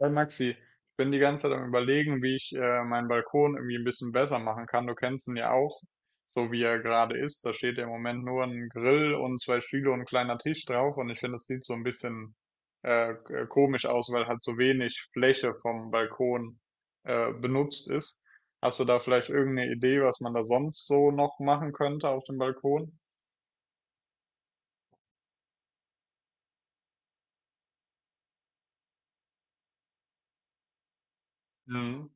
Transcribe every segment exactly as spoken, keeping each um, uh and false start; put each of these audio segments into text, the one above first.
Hey Maxi, ich bin die ganze Zeit am Überlegen, wie ich äh, meinen Balkon irgendwie ein bisschen besser machen kann. Du kennst ihn ja auch, so wie er gerade ist. Da steht ja im Moment nur ein Grill und zwei Stühle und ein kleiner Tisch drauf. Und ich finde, das sieht so ein bisschen äh, k- komisch aus, weil halt so wenig Fläche vom Balkon äh, benutzt ist. Hast du da vielleicht irgendeine Idee, was man da sonst so noch machen könnte auf dem Balkon? Mhm.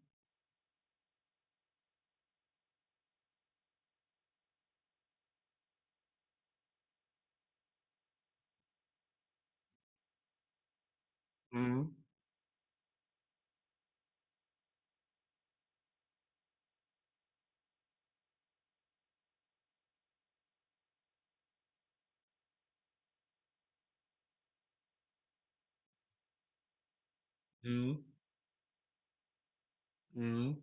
Mhm. Mhm. Mhm.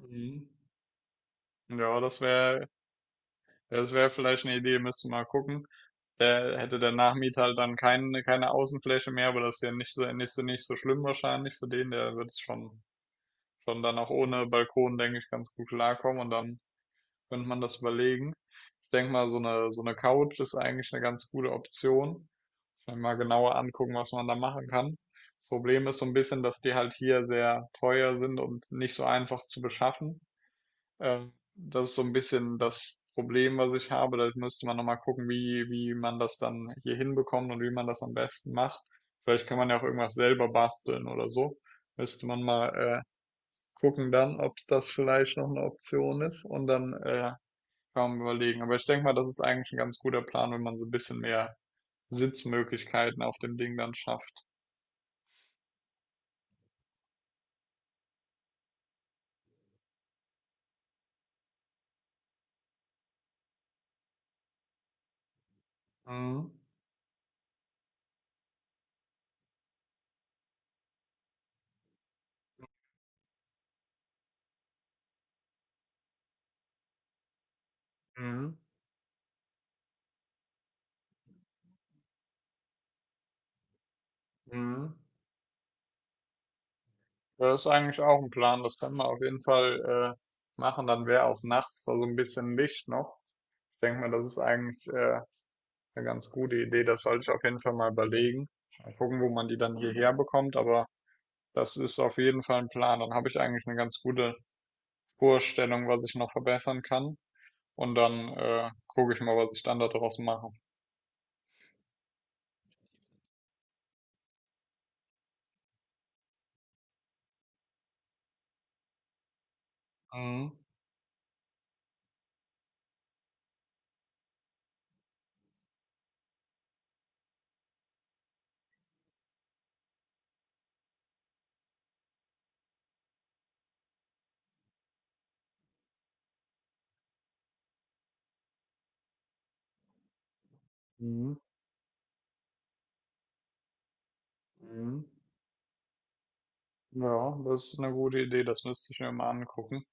Mhm. Ja, das wäre Ja, Das wäre vielleicht eine Idee, müsste mal gucken. Der hätte der Nachmieter halt dann keine keine Außenfläche mehr, aber das ist ja nicht so nicht so nicht so schlimm wahrscheinlich für den. Der wird es schon schon dann auch ohne Balkon, denke ich, ganz gut klarkommen, und dann könnte man das überlegen. Ich denke mal, so eine so eine Couch ist eigentlich eine ganz gute Option. Muss man mal genauer angucken, was man da machen kann. Das Problem ist so ein bisschen, dass die halt hier sehr teuer sind und nicht so einfach zu beschaffen. Ähm, das ist so ein bisschen das Problem, was ich habe. Da müsste man nochmal gucken, wie, wie man das dann hier hinbekommt und wie man das am besten macht. Vielleicht kann man ja auch irgendwas selber basteln oder so. Müsste man mal äh, gucken dann, ob das vielleicht noch eine Option ist, und dann äh, kann man überlegen. Aber ich denke mal, das ist eigentlich ein ganz guter Plan, wenn man so ein bisschen mehr Sitzmöglichkeiten auf dem Ding dann schafft. Mhm. Mhm. Mhm. Das ist eigentlich auch ein Plan, das können wir auf jeden Fall äh, machen. Dann wäre auch nachts da so ein bisschen Licht noch. Ich denke mal, das ist eigentlich äh, eine ganz gute Idee. Das sollte ich auf jeden Fall mal überlegen. Mal gucken, wo man die dann hierher bekommt, aber das ist auf jeden Fall ein Plan. Dann habe ich eigentlich eine ganz gute Vorstellung, was ich noch verbessern kann. Und dann äh, gucke ich mal, was ich dann daraus mache. Mhm. Mhm. Mhm. Ja, das ist eine gute Idee. Das müsste ich mir mal angucken.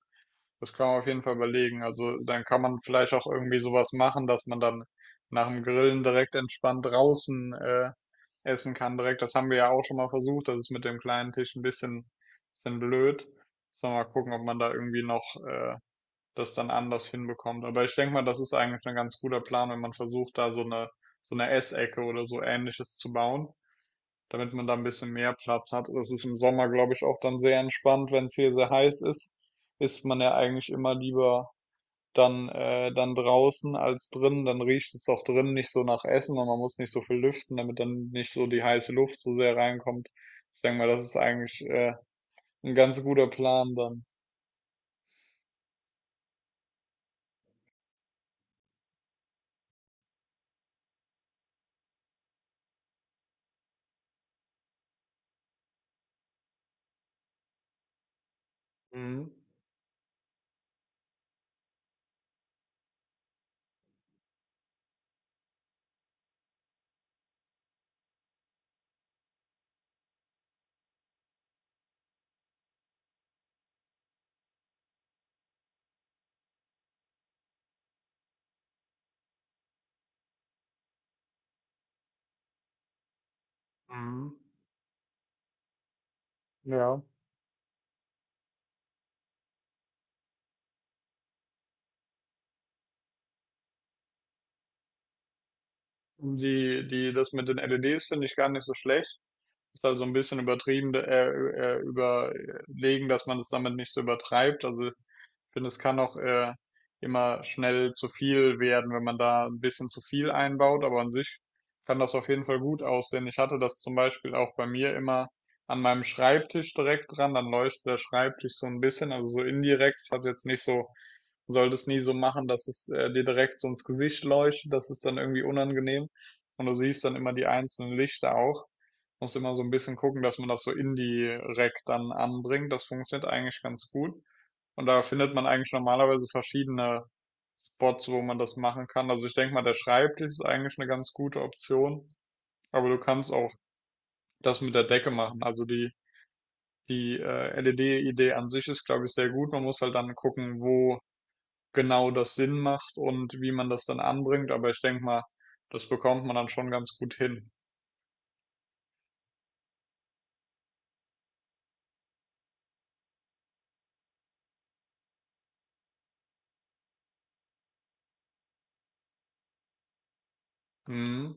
Das kann man auf jeden Fall überlegen. Also dann kann man vielleicht auch irgendwie sowas machen, dass man dann nach dem Grillen direkt entspannt draußen äh, essen kann direkt. Das haben wir ja auch schon mal versucht. Das ist mit dem kleinen Tisch ein bisschen, bisschen blöd. Sollen wir mal gucken, ob man da irgendwie noch äh, das dann anders hinbekommt. Aber ich denke mal, das ist eigentlich ein ganz guter Plan, wenn man versucht, da so eine so eine Essecke oder so Ähnliches zu bauen, damit man da ein bisschen mehr Platz hat. Das ist im Sommer, glaube ich, auch dann sehr entspannt. Wenn es hier sehr heiß ist, ist man ja eigentlich immer lieber dann, äh dann draußen als drin. Dann riecht es auch drin nicht so nach Essen und man muss nicht so viel lüften, damit dann nicht so die heiße Luft so sehr reinkommt. Ich denke mal, das ist eigentlich, äh, 'n ganz guter Plan dann. Mhm. Mhm. Ja. Die die das mit den L E Ds finde ich gar nicht so schlecht. Ist also so ein bisschen übertrieben, äh, äh, überlegen, dass man es damit nicht so übertreibt. Also ich finde, es kann auch äh, immer schnell zu viel werden, wenn man da ein bisschen zu viel einbaut, aber an sich kann das auf jeden Fall gut aussehen. Ich hatte das zum Beispiel auch bei mir immer an meinem Schreibtisch direkt dran, dann leuchtet der Schreibtisch so ein bisschen, also so indirekt. Ich hatte jetzt nicht so, sollte es nie so machen, dass es äh, dir direkt so ins Gesicht leuchtet, das ist dann irgendwie unangenehm. Und du siehst dann immer die einzelnen Lichter auch. Muss immer so ein bisschen gucken, dass man das so indirekt dann anbringt. Das funktioniert eigentlich ganz gut. Und da findet man eigentlich normalerweise verschiedene Spots, wo man das machen kann. Also, ich denke mal, der Schreibtisch ist eigentlich eine ganz gute Option, aber du kannst auch das mit der Decke machen. Also, die die, äh, L E D-Idee an sich ist, glaube ich, sehr gut. Man muss halt dann gucken, wo genau das Sinn macht und wie man das dann anbringt, aber ich denke mal, das bekommt man dann schon ganz gut hin. Mhm.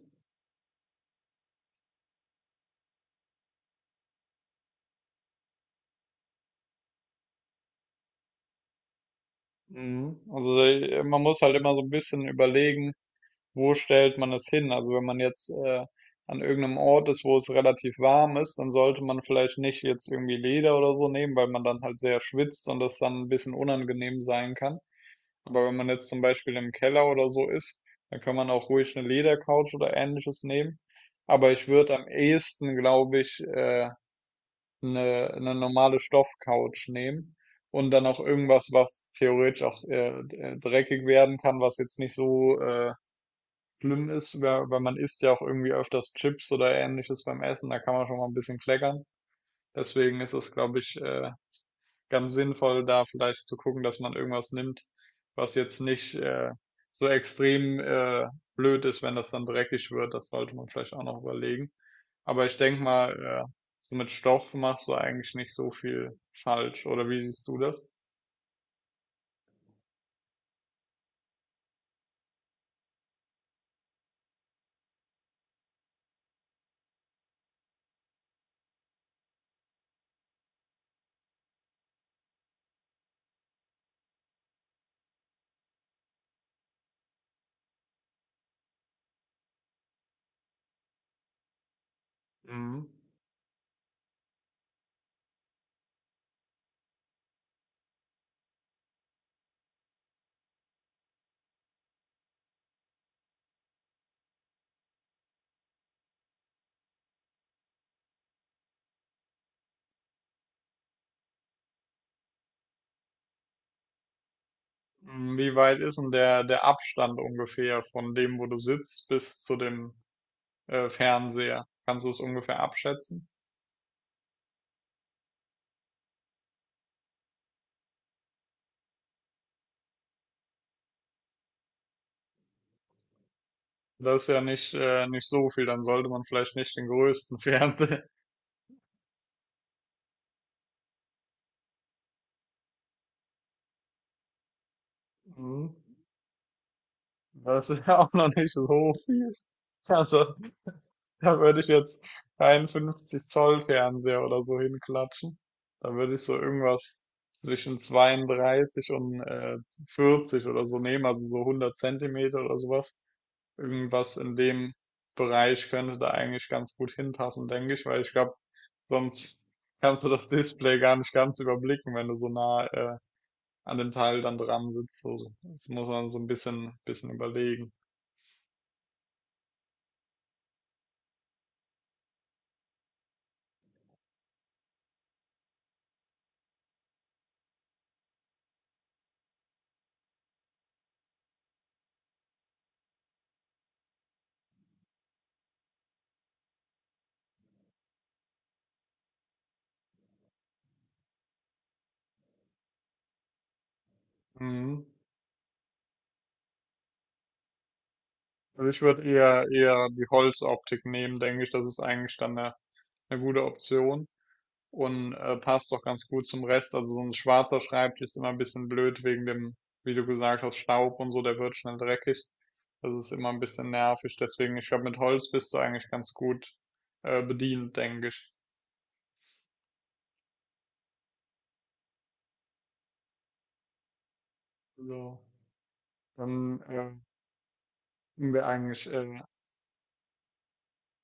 Mhm. Also äh, man muss halt immer so ein bisschen überlegen, wo stellt man es hin. Also wenn man jetzt äh, an irgendeinem Ort ist, wo es relativ warm ist, dann sollte man vielleicht nicht jetzt irgendwie Leder oder so nehmen, weil man dann halt sehr schwitzt und das dann ein bisschen unangenehm sein kann. Aber wenn man jetzt zum Beispiel im Keller oder so ist, dann kann man auch ruhig eine Ledercouch oder Ähnliches nehmen. Aber ich würde am ehesten, glaube ich, äh, eine, eine normale Stoffcouch nehmen und dann auch irgendwas, was theoretisch auch äh, äh, dreckig werden kann, was jetzt nicht so äh, schlimm ist, weil, weil man isst ja auch irgendwie öfters Chips oder Ähnliches beim Essen, da kann man schon mal ein bisschen kleckern. Deswegen ist es, glaube ich, äh, ganz sinnvoll, da vielleicht zu gucken, dass man irgendwas nimmt, was jetzt nicht äh, so extrem äh, blöd ist, wenn das dann dreckig wird. Das sollte man vielleicht auch noch überlegen. Aber ich denke mal, äh, so mit Stoff machst du eigentlich nicht so viel falsch. Oder wie siehst du das? Mhm. Mm, wie weit ist denn der, der Abstand ungefähr von dem, wo du sitzt, bis zu dem äh, Fernseher? Kannst du es ungefähr abschätzen? Das ist ja nicht, äh, nicht so viel, dann sollte man vielleicht nicht den größten Fernseher. Mhm. Das ist ja auch noch nicht so viel. Also, da würde ich jetzt keinen fünfzig Zoll Fernseher oder so hinklatschen. Da würde ich so irgendwas zwischen zweiunddreißig und äh, vierzig oder so nehmen, also so hundert Zentimeter oder sowas. Irgendwas in dem Bereich könnte da eigentlich ganz gut hinpassen, denke ich, weil ich glaube, sonst kannst du das Display gar nicht ganz überblicken, wenn du so nah äh, an dem Teil dann dran sitzt. So, das muss man so ein bisschen, bisschen überlegen. Mhm. Also ich würde eher, eher die Holzoptik nehmen, denke ich. Das ist eigentlich dann eine, eine gute Option und äh, passt doch ganz gut zum Rest. Also so ein schwarzer Schreibtisch ist immer ein bisschen blöd wegen dem, wie du gesagt hast, Staub und so, der wird schnell dreckig. Das ist immer ein bisschen nervig. Deswegen, ich glaube, mit Holz bist du eigentlich ganz gut äh, bedient, denke ich. So, dann äh, sind wir eigentlich äh,